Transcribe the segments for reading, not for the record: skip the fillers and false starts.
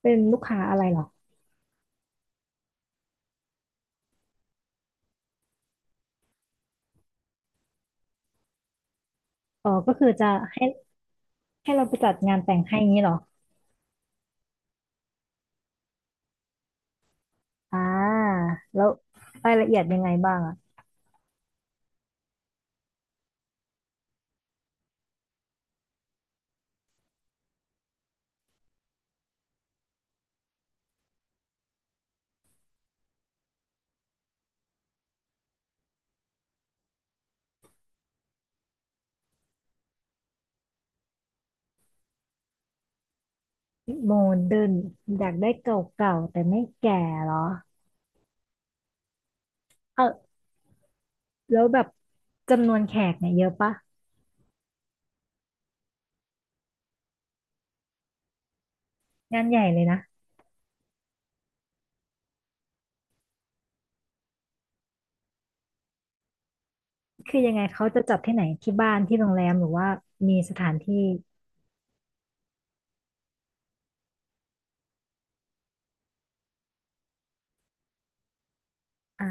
เป็นลูกค้าอะไรเหรออ๋อก็คือจะให้ให้เราไปจัดงานแต่งให้อย่างนี้เหรออ่าแล้วรายละเอียดยังไงบ้างอะโมเดิร์นอยากได้เก่าๆแต่ไม่แก่เหรอเออแล้วแบบจำนวนแขกเนี่ยเยอะปะงานใหญ่เลยนะคือยังไงเขาจะจัดที่ไหนที่บ้านที่โรงแรมหรือว่ามีสถานที่อ่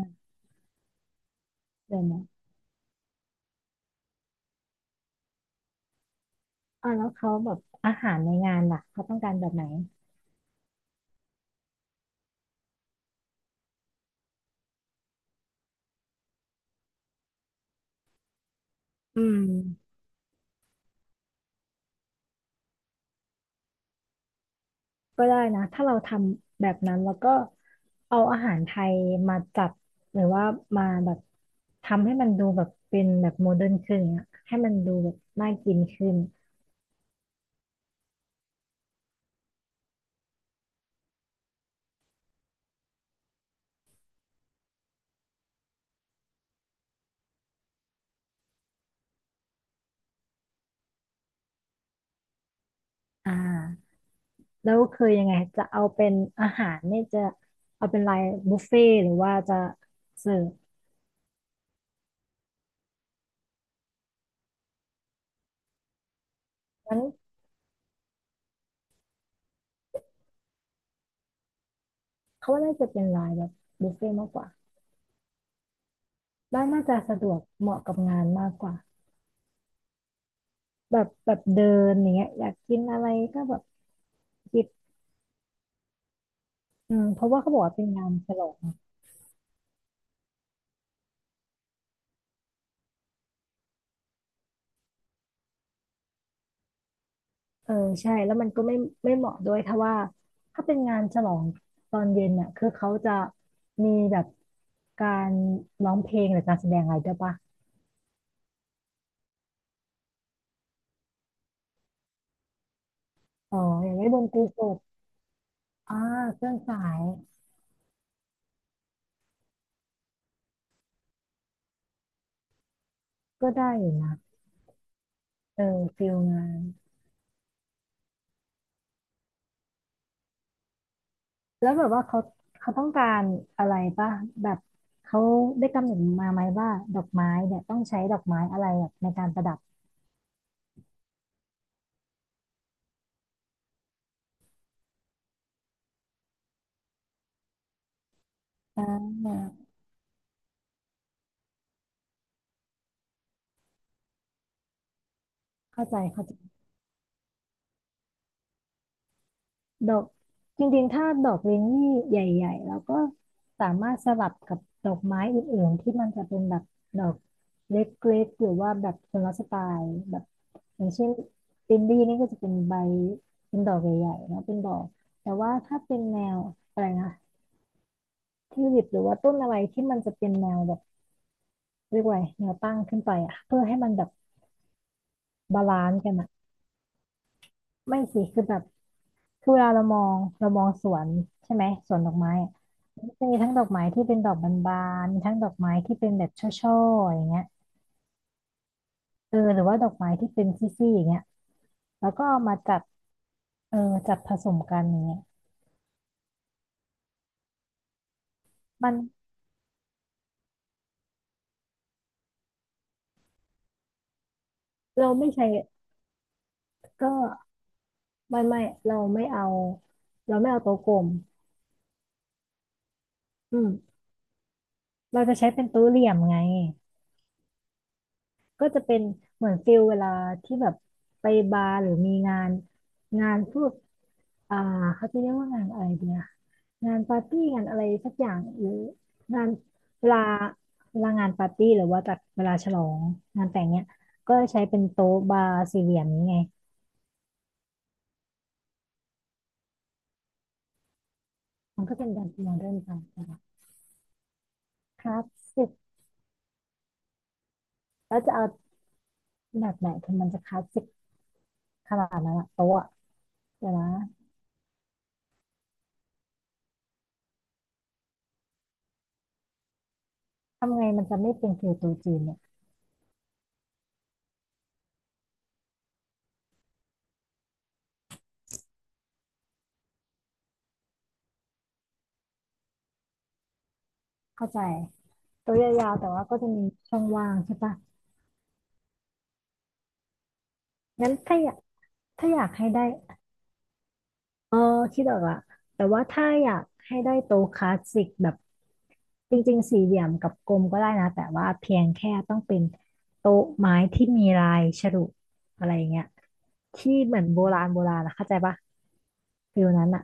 าเดี๋ยวนะอ่าแล้วเขาแบบอาหารในงานล่ะเขาต้องการแบบไหนอืม ก็ได้นะถ้าเราทำแบบนั้นแล้วก็เอาอาหารไทยมาจัดหรือว่ามาแบบทำให้มันดูแบบเป็นแบบโมเดิร์นขึ้นอะให้มันดูแบบน่ากินขึ้นอ่าแล้วคือยังไงจะเอาเป็นอาหารเนี่ยจะเอาเป็นลายบุฟเฟ่ต์หรือว่าจะเสิร์ฟงั้นเขาว่าน่าจะเป็นลายแบบบุฟเฟ่ต์มากกว่าบ้านน่าจะสะดวกเหมาะกับงานมากกว่าแบบแบบเดินอย่างเงี้ยอยากกินอะไรก็แบบหยิบอืมเพราะว่าเขาบอกว่าเป็นงานฉลอง เออใช่แล้วมันก็ไม่เหมาะด้วยถ้าว่าถ้าเป็นงานฉลองตอนเย็นเนี่ยคือเขาจะมีแบบการร้องเพลงหรือการแสดงอะไรด้วยปะอ๋ออย่างได้ดนตรีสดอ่าเครื่องสายก็ได้อยู่นะเออฟิลงานแล้วแบบว่าเขาต้องการอะไรปะแบบเขาได้กำหนดมาไหมว่าดอกไม้เนี่ยต้องใช้ดอกไม้อะไรแบบในการประดับอ่าเข้าใจเข้าใจ ดอกจริงๆถ้าดอกเรนนี่ใหญ่ๆเราก็สามารถสลับกับดอกไม้อื่นๆที่มันจะเป็นแบบดอกเล็กๆหรือว่าแบบคนละสไตล์แบบอย่างเช่นลินดี้นี่ก็จะเป็นใบเป็นดอกใหญ่ๆแล้เป็นดอกแต่ว่าถ้าเป็นแนวอะไรนะทิวลิปหรือว่าต้นอะไรที่มันจะเป็นแนวแบบเรียกว่าไงแนวตั้งขึ้นไปอะเพื่อให้มันแบบบาลานซ์กันอะไม่สิคือแบบ คือเวลาเรามองสวนใช่ไหมสวนดอกไม้อะมันจะมีทั้งดอกไม้ที่เป็นดอกบานๆมีทั้งดอกไม้ที่เป็นแบบช่อๆอย่างเงี้ยเออหรือว่าดอกไม้ที่เป็นซี่ๆอย่างเงี้ยแล้วก็เอามาจัดเออจัดผสมกันอย่างเงี้ยมันเราไม่ใช้ก็ไม่เราไม่เอาเราไม่เอาโต๊ะกลมอืมเราจะใช้เป็นโต๊ะเหลี่ยมไงก็จะเป็นเหมือนฟิลเวลาที่แบบไปบาร์หรือมีงานงานพวกอ่าเขาจะเรียกว่างานอะไรดีอะ งานปาร์ตี้งานอะไรสักอย่างหรืองานเวลาเวลางานปาร์ตี้หรือว่าจัดเวลาฉลองงานแต่งเนี้ยก็ใช้เป็นโต๊ะบาร์สี่เหลี่ยมนี้ไงมันก็เป็นการโมเดิร์นไปนะคะคลาสสิกแล้วจะเอาแบบไหนถึงมันจะคลาสสิกขนาดนั้นอะโต๊ะอะเดี๋ยวนะทำไงมันจะไม่เป็นคือโต๊ะจีนเนี่ยเข้าใจโต๊ะยาวๆแต่ว่าก็จะมีช่องว่างใช่ปะงั้นถ้าอยากให้ได้ เออคิดออกละแต่ว่าถ้าอยากให้ได้โต๊ะคลาสสิกแบบจริงๆสี่เหลี่ยมกับกลมก็ได้นะแต่ว่าเพียงแค่ต้องเป็นโต๊ะไม้ที่มีลายฉลุอะไรเงี้ยที่เหมือนโบราณโบราณนะเข้าใจปะฟิลนั้นอ่ะ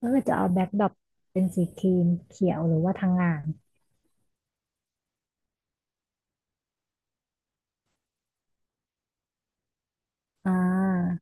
ก็อจะเอาแบ็คดรอปเป็นสีครีมเขียวหรือว่าทางงานอ่า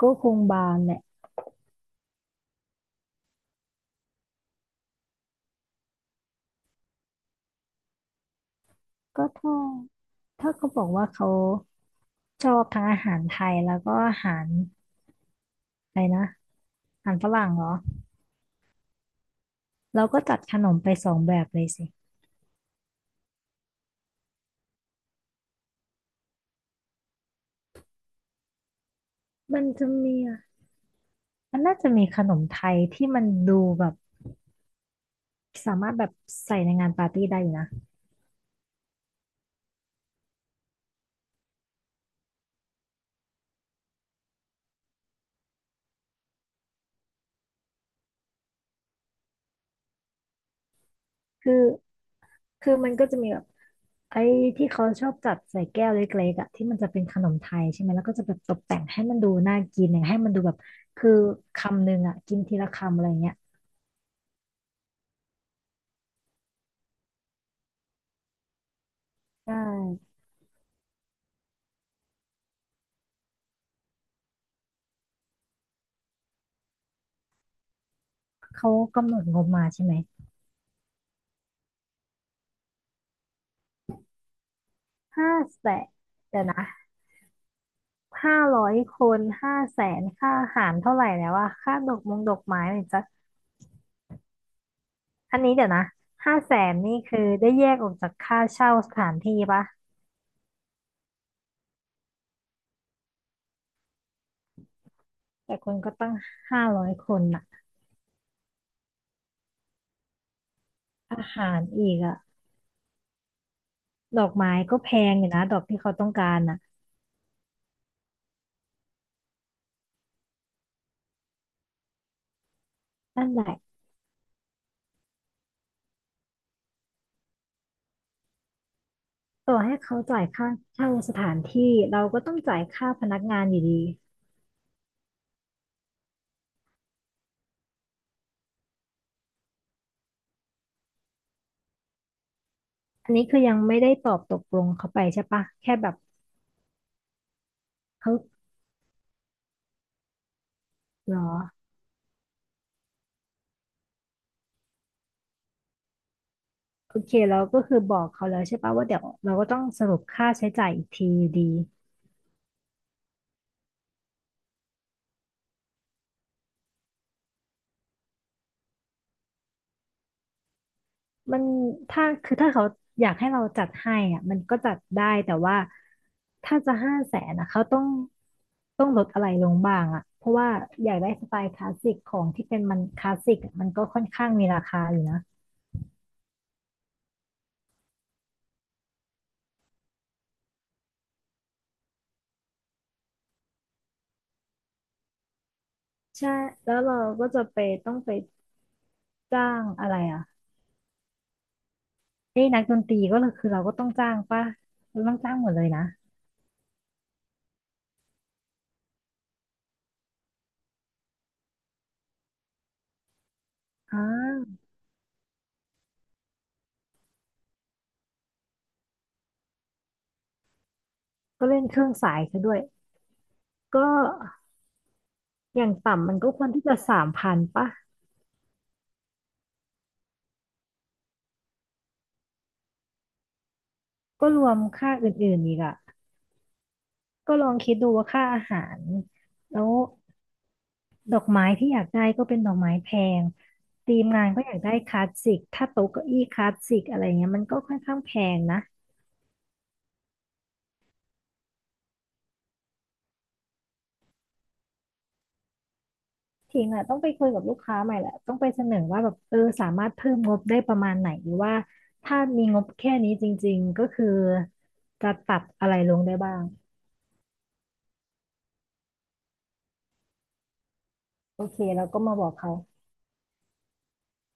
ก็คงบานแหละก็ถ้าเขาบอกว่าเขาชอบทั้งอาหารไทยแล้วก็อาหารอะไรนะอาหารฝรั่งเหรอ เราก็จัดขนมไปสองแบบเลยสิ มันจะมีอะมันน่าจะมีขนมไทยที่มันดูแบบสามารถแบบใส่ในงานปาร์ตี้ได้อยู่นะคือคือมันก็จะมีแบบไอ้ที่เขาชอบจัดใส่แก้วเล็กๆอะที่มันจะเป็นขนมไทยใช่ไหมแล้วก็จะแบบตกแต่งให้มันดูน่ากินอย่างให้มันดูแบบคือคำหนึ่งอะกินทีละคำอะไรเงี้ยใช่เขากำหนดงบมาใช่ไหมห้าแสนเดี๋ยวนะห้าร้อยคนห้าแสนค่าอาหารเท่าไหร่แล้วอะค่าดอกมงดอกไม้เนี่ยจะ อันนี้เดี๋ยวนะ500,000นี่คือได้แยกออกจากค่าเช่าสถานที่ปะแต่คนก็ตั้งห้าร้อยคนน่ะอาหารอีกอะดอกไม้ก็แพงอยู่นะดอกที่เขาต้องการน่ะนั่นแหละต่อให้เขาจ่ายค่าเช่าสถานที่เราก็ต้องจ่ายค่าพนักงานอยู่ดีอันนี้คือยังไม่ได้ตอบตกลงเขาไปใช่ปะแค่แบบเขาเหรอโอเคเราก็คือบอกเขาแล้วใช่ปะว่าเดี๋ยวเราก็ต้องสรุปค่าใช้จ่ายอีกทีอยู่ดี มันถ้าคือถ้าเขาอยากให้เราจัดให้อ่ะมันก็จัดได้แต่ว่าถ้าจะห้าแสนนะเขาต้องลดอะไรลงบ้างอ่ะเพราะว่าอยากได้สไตล์คลาสสิกของที่เป็นมันคลาสสิกอะมันก็ค่อนข้างมีราคาอยู่นะใช่แล้วเราก็จะไปต้องไปจ้างอะไรอ่ะเอ้ยนักดนตรีก็คือเราก็ต้องจ้างป่ะเราต้องจ้างหมดเลยนะอ่าก็เล่นเครื่องสายซะด้วยก็อย่างต่ำมันก็ควรที่จะ3,000ป่ะก็รวมค่าอื่นๆอีกอะ ก็ลองคิดดูว่าค่าอาหารแล้วดอกไม้ที่อยากได้ก็เป็นดอกไม้แพงทีมงานก็อยากได้คลาสสิกถ้าโต๊ะเก้าอี้คลาสสิกอะไรเงี้ยมันก็ค่อนข้างแพงนะทีมอะต้องไปคุยกับลูกค้าใหม่แหละต้องไปเสนอว่าแบบเออสามารถเพิ่มงบได้ประมาณไหนหรือว่าถ้ามีงบแค่นี้จริงๆก็คือจะปรับอะไรลงได้บ้างโอเคแล้วก็มาบอกเขา